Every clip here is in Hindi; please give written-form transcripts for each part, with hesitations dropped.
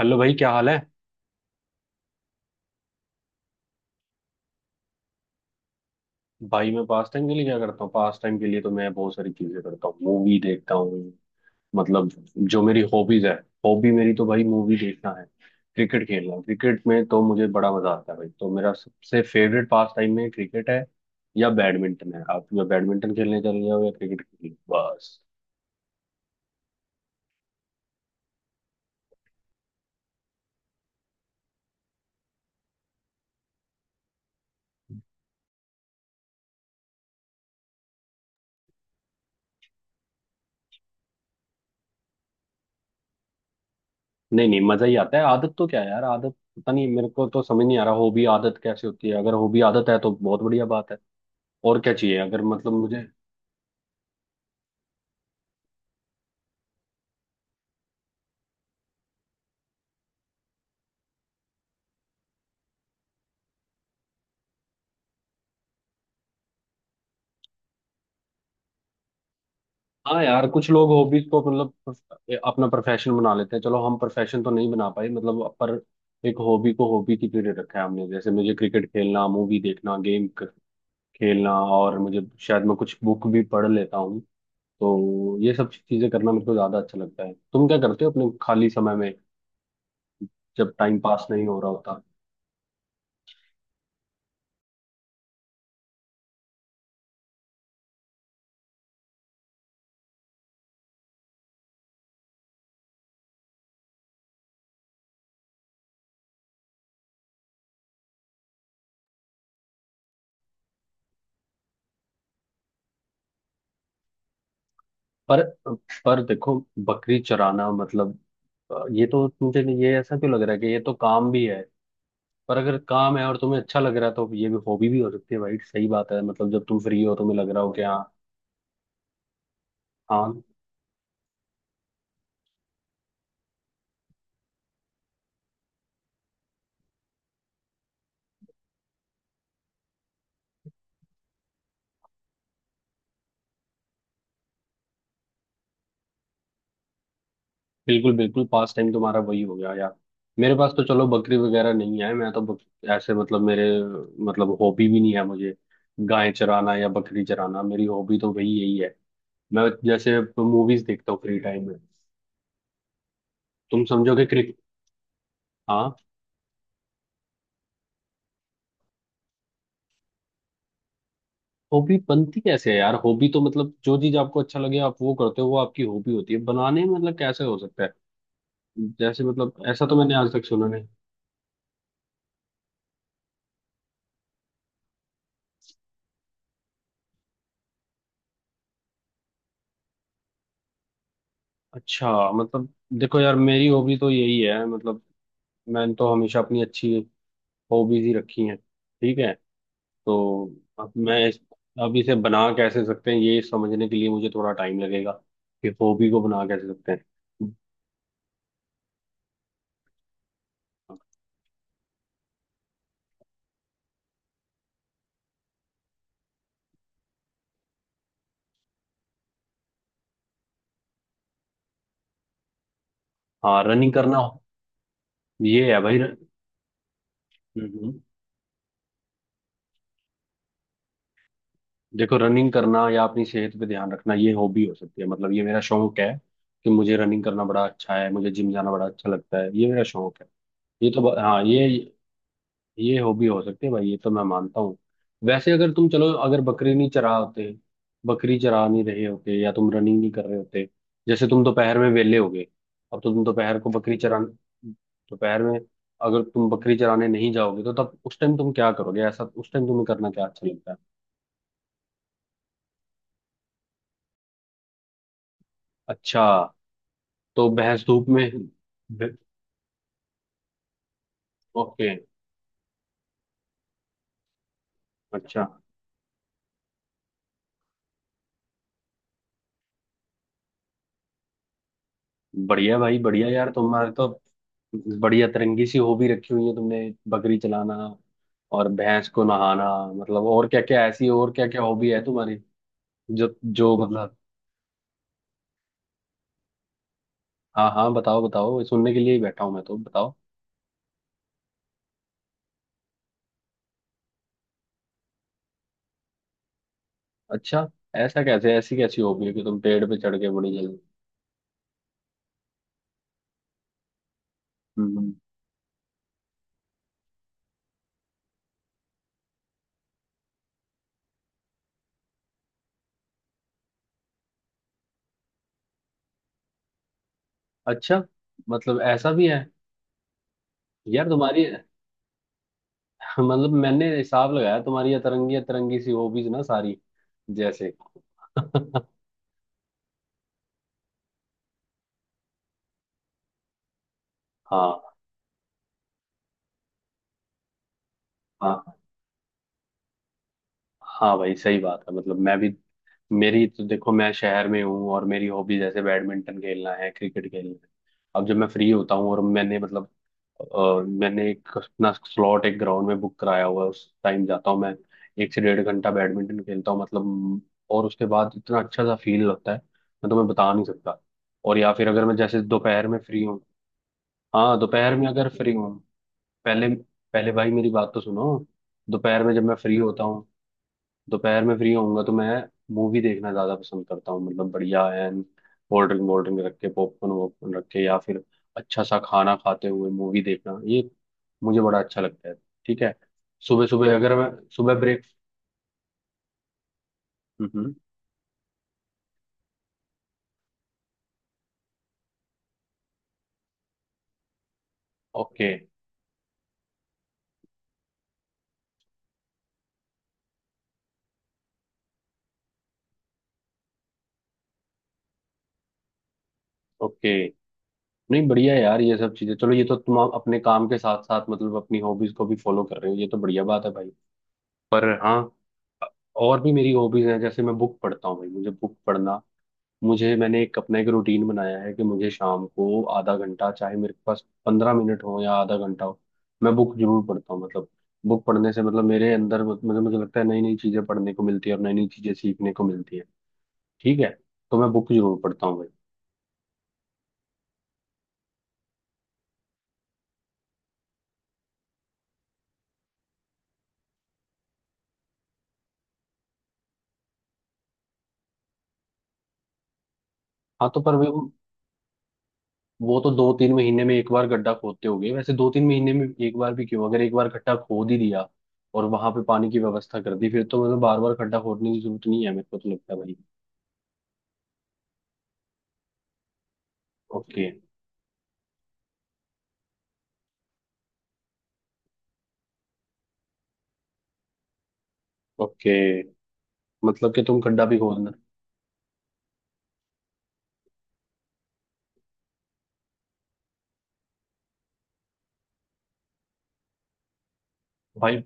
हेलो भाई, क्या हाल है? भाई, मैं पास टाइम के लिए क्या करता हूँ? पास टाइम के लिए तो मैं बहुत सारी चीजें करता हूँ, मूवी देखता हूँ, मतलब जो मेरी हॉबीज है, हॉबी मेरी तो भाई मूवी देखना है। क्रिकेट खेलना, क्रिकेट में तो मुझे बड़ा मजा आता है भाई, तो मेरा सबसे फेवरेट पास टाइम में क्रिकेट है या बैडमिंटन है। आप या बैडमिंटन खेलने चले जाओ या क्रिकेट खेलने, बस। नहीं नहीं, मजा ही आता है। आदत तो क्या है यार, आदत पता नहीं, मेरे को तो समझ नहीं आ रहा हॉबी आदत कैसे होती है। अगर हॉबी आदत है तो बहुत बढ़िया बात है। और क्या चाहिए, अगर मतलब मुझे। हाँ यार, कुछ लोग हॉबीज को मतलब अपना प्रोफेशन बना लेते हैं। चलो, हम प्रोफेशन तो नहीं बना पाए मतलब, पर एक हॉबी को हॉबी की तरह रखा है हमने, जैसे मुझे क्रिकेट खेलना, मूवी देखना, गेम खेलना, और मुझे शायद मैं कुछ बुक भी पढ़ लेता हूँ। तो ये सब चीजें करना मेरे को ज्यादा अच्छा लगता है। तुम क्या करते हो अपने खाली समय में, जब टाइम पास नहीं हो रहा होता? पर पर देखो, बकरी चराना मतलब ये तो मुझे, ये ऐसा क्यों लग रहा है कि ये तो काम भी है। पर अगर काम है और तुम्हें अच्छा लग रहा है तो ये भी हॉबी भी हो सकती है भाई, सही बात है, मतलब जब तुम फ्री हो तुम्हें लग रहा हो कि हाँ। हाँ, बिल्कुल बिल्कुल, पास टाइम तुम्हारा वही हो गया यार। मेरे पास तो चलो बकरी वगैरह नहीं है, मैं तो ऐसे, मतलब मेरे, मतलब हॉबी भी नहीं है मुझे। गाय चराना या बकरी चराना मेरी हॉबी तो वही यही है। मैं जैसे मूवीज देखता हूँ फ्री टाइम में। तुम समझोगे क्रिक हाँ। हॉबी बनती कैसे है यार? हॉबी तो मतलब जो चीज आपको अच्छा लगे आप वो करते हो, वो आपकी हॉबी होती है। बनाने में मतलब कैसे हो सकता है? जैसे मतलब ऐसा तो मैंने आज तक सुना नहीं। अच्छा, मतलब देखो यार, मेरी हॉबी तो यही है, मतलब मैंने तो हमेशा अपनी अच्छी हॉबीज ही रखी हैं। ठीक है, तो अब अब इसे बना कैसे सकते हैं, ये समझने के लिए मुझे थोड़ा टाइम लगेगा, कि हॉबी को बना कैसे सकते हैं। हाँ, रनिंग करना, ये है भाई। हम्म। देखो, रनिंग करना या अपनी सेहत पे ध्यान रखना, ये हॉबी हो सकती है, मतलब ये मेरा शौक है, कि मुझे रनिंग करना बड़ा अच्छा है, मुझे जिम जाना बड़ा अच्छा लगता है, ये मेरा शौक है। ये तो हाँ, ये हॉबी हो सकती है भाई, ये तो मैं मानता हूँ। वैसे अगर तुम, चलो, अगर बकरी चरा नहीं रहे होते, या तुम रनिंग नहीं कर रहे होते। जैसे तुम दोपहर में वेले हो गए। अब तो तुम दोपहर को बकरी चरा दोपहर में अगर तुम बकरी चराने नहीं जाओगे तो तब उस टाइम तुम क्या करोगे? ऐसा उस टाइम तुम्हें करना क्या अच्छा लगता है? अच्छा, तो भैंस धूप में। ओके। अच्छा, बढ़िया भाई, बढ़िया यार, तुम्हारे तो बढ़िया तरंगी सी हॉबी रखी हुई है तुमने। बकरी चलाना और भैंस को नहाना, मतलब और क्या क्या ऐसी, और क्या क्या हॉबी है तुम्हारी, जो जो, मतलब। हाँ हाँ, बताओ बताओ, सुनने के लिए ही बैठा हूँ मैं, तो बताओ। अच्छा, ऐसा कैसे? ऐसी कैसी हॉबी है कि तुम पेड़ पे चढ़ के बड़ी जल्दी? हम्म। अच्छा, मतलब ऐसा भी है? यार तुम्हारी मतलब मैंने हिसाब लगाया, तुम्हारी अतरंगी अतरंगी सी हॉबीज ना सारी, जैसे हाँ हाँ। हाँ भाई सही बात है, मतलब मैं भी, मेरी तो देखो, मैं शहर में हूँ, और मेरी हॉबी जैसे बैडमिंटन खेलना है, क्रिकेट खेलना है। अब जब मैं फ्री होता हूँ और मैंने मतलब मैंने एक अपना स्लॉट एक ग्राउंड में बुक कराया हुआ है, उस टाइम जाता हूँ मैं, 1 से 1.5 घंटा बैडमिंटन खेलता हूँ, मतलब, और उसके बाद इतना अच्छा सा फील लगता है, मैं तुम्हें बता नहीं सकता। और या फिर अगर मैं जैसे दोपहर में फ्री हूँ। हाँ, दोपहर में अगर फ्री हूँ, पहले, पहले भाई मेरी बात तो सुनो, दोपहर में जब मैं फ्री होता हूँ, दोपहर में फ्री होऊंगा तो मैं मूवी देखना ज्यादा पसंद करता हूँ, मतलब बढ़िया एंड कोल्ड ड्रिंक वोल्ड ड्रिंक रख के, पॉपकॉर्न वॉपकॉर्न रख के, या फिर अच्छा सा खाना खाते हुए मूवी देखना, ये मुझे बड़ा अच्छा लगता है। ठीक है। सुबह सुबह अगर मैं, सुबह ब्रेक, हम्म, ओके, ओके। नहीं, बढ़िया है यार, ये सब चीजें, चलो ये तो तुम अपने काम के साथ साथ मतलब अपनी हॉबीज को भी फॉलो कर रहे हो, ये तो बढ़िया बात है भाई। पर हाँ, और भी मेरी हॉबीज हैं, जैसे मैं बुक पढ़ता हूँ भाई, मुझे बुक पढ़ना, मुझे, मैंने एक अपना एक रूटीन बनाया है कि मुझे शाम को आधा घंटा, चाहे मेरे पास 15 मिनट हो या आधा घंटा हो, मैं बुक जरूर पढ़ता हूँ। मतलब बुक पढ़ने से मतलब मेरे अंदर मतलब मुझे लगता है नई नई चीजें पढ़ने को मिलती है और नई नई चीजें सीखने को मिलती है। ठीक है, तो मैं बुक जरूर पढ़ता हूँ भाई। हाँ, तो पर भाई वो तो दो तीन महीने में एक बार गड्ढा खोदते होगे। वैसे दो तीन महीने में एक बार भी क्यों? अगर एक बार गड्ढा खोद ही दिया और वहां पे पानी की व्यवस्था कर दी फिर तो मतलब बार बार गड्ढा खोदने की जरूरत नहीं है, मेरे को तो लगता है भाई। ओके। ओके, मतलब कि तुम खड्डा भी खोदना भाई?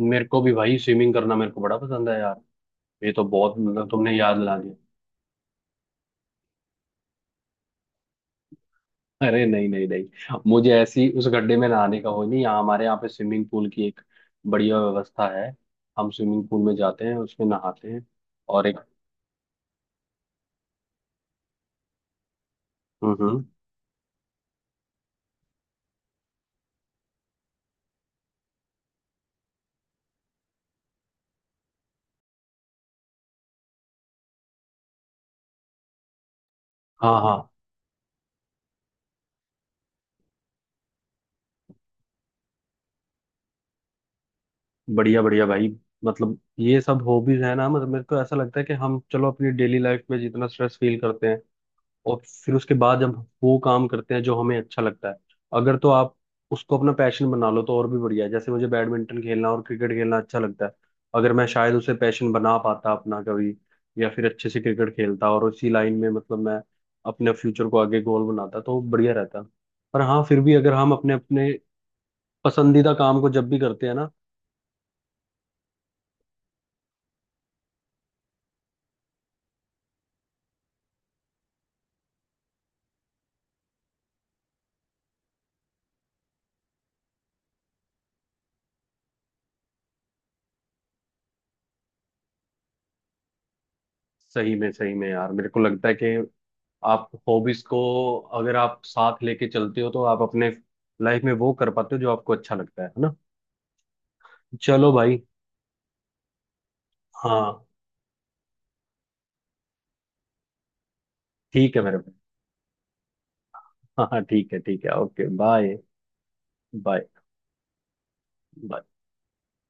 मेरे को भी भाई स्विमिंग करना मेरे को बड़ा पसंद है यार, ये तो बहुत, मतलब तुमने याद दिला दिया। अरे नहीं नहीं नहीं, मुझे ऐसी उस गड्ढे में नहाने का हो नहीं, यहाँ हमारे यहाँ पे स्विमिंग पूल की एक बढ़िया व्यवस्था है, हम स्विमिंग पूल में जाते हैं उसमें नहाते हैं। और एक, हम्म, हम्म, हाँ, हाँ, बढ़िया बढ़िया भाई, मतलब ये सब हॉबीज है ना, मतलब मेरे को ऐसा लगता है कि हम, चलो, अपनी डेली लाइफ में जितना स्ट्रेस फील करते हैं, और फिर उसके बाद जब वो काम करते हैं जो हमें अच्छा लगता है, अगर तो आप उसको अपना पैशन बना लो तो और भी बढ़िया है। जैसे मुझे बैडमिंटन खेलना और क्रिकेट खेलना अच्छा लगता है, अगर मैं शायद उसे पैशन बना पाता अपना कभी, या फिर अच्छे से क्रिकेट खेलता और उसी लाइन में मतलब मैं अपने फ्यूचर को आगे गोल बनाता, तो बढ़िया रहता। पर हाँ, फिर भी अगर हम अपने अपने पसंदीदा काम को जब भी करते हैं ना, सही में यार, मेरे को लगता है कि आप हॉबीज को, अगर आप साथ लेके चलते हो, तो आप अपने लाइफ में वो कर पाते हो जो आपको अच्छा लगता है ना? चलो भाई। हाँ, ठीक है मेरे भाई। हाँ हाँ, ठीक है, ठीक है, ओके, बाय। बाय।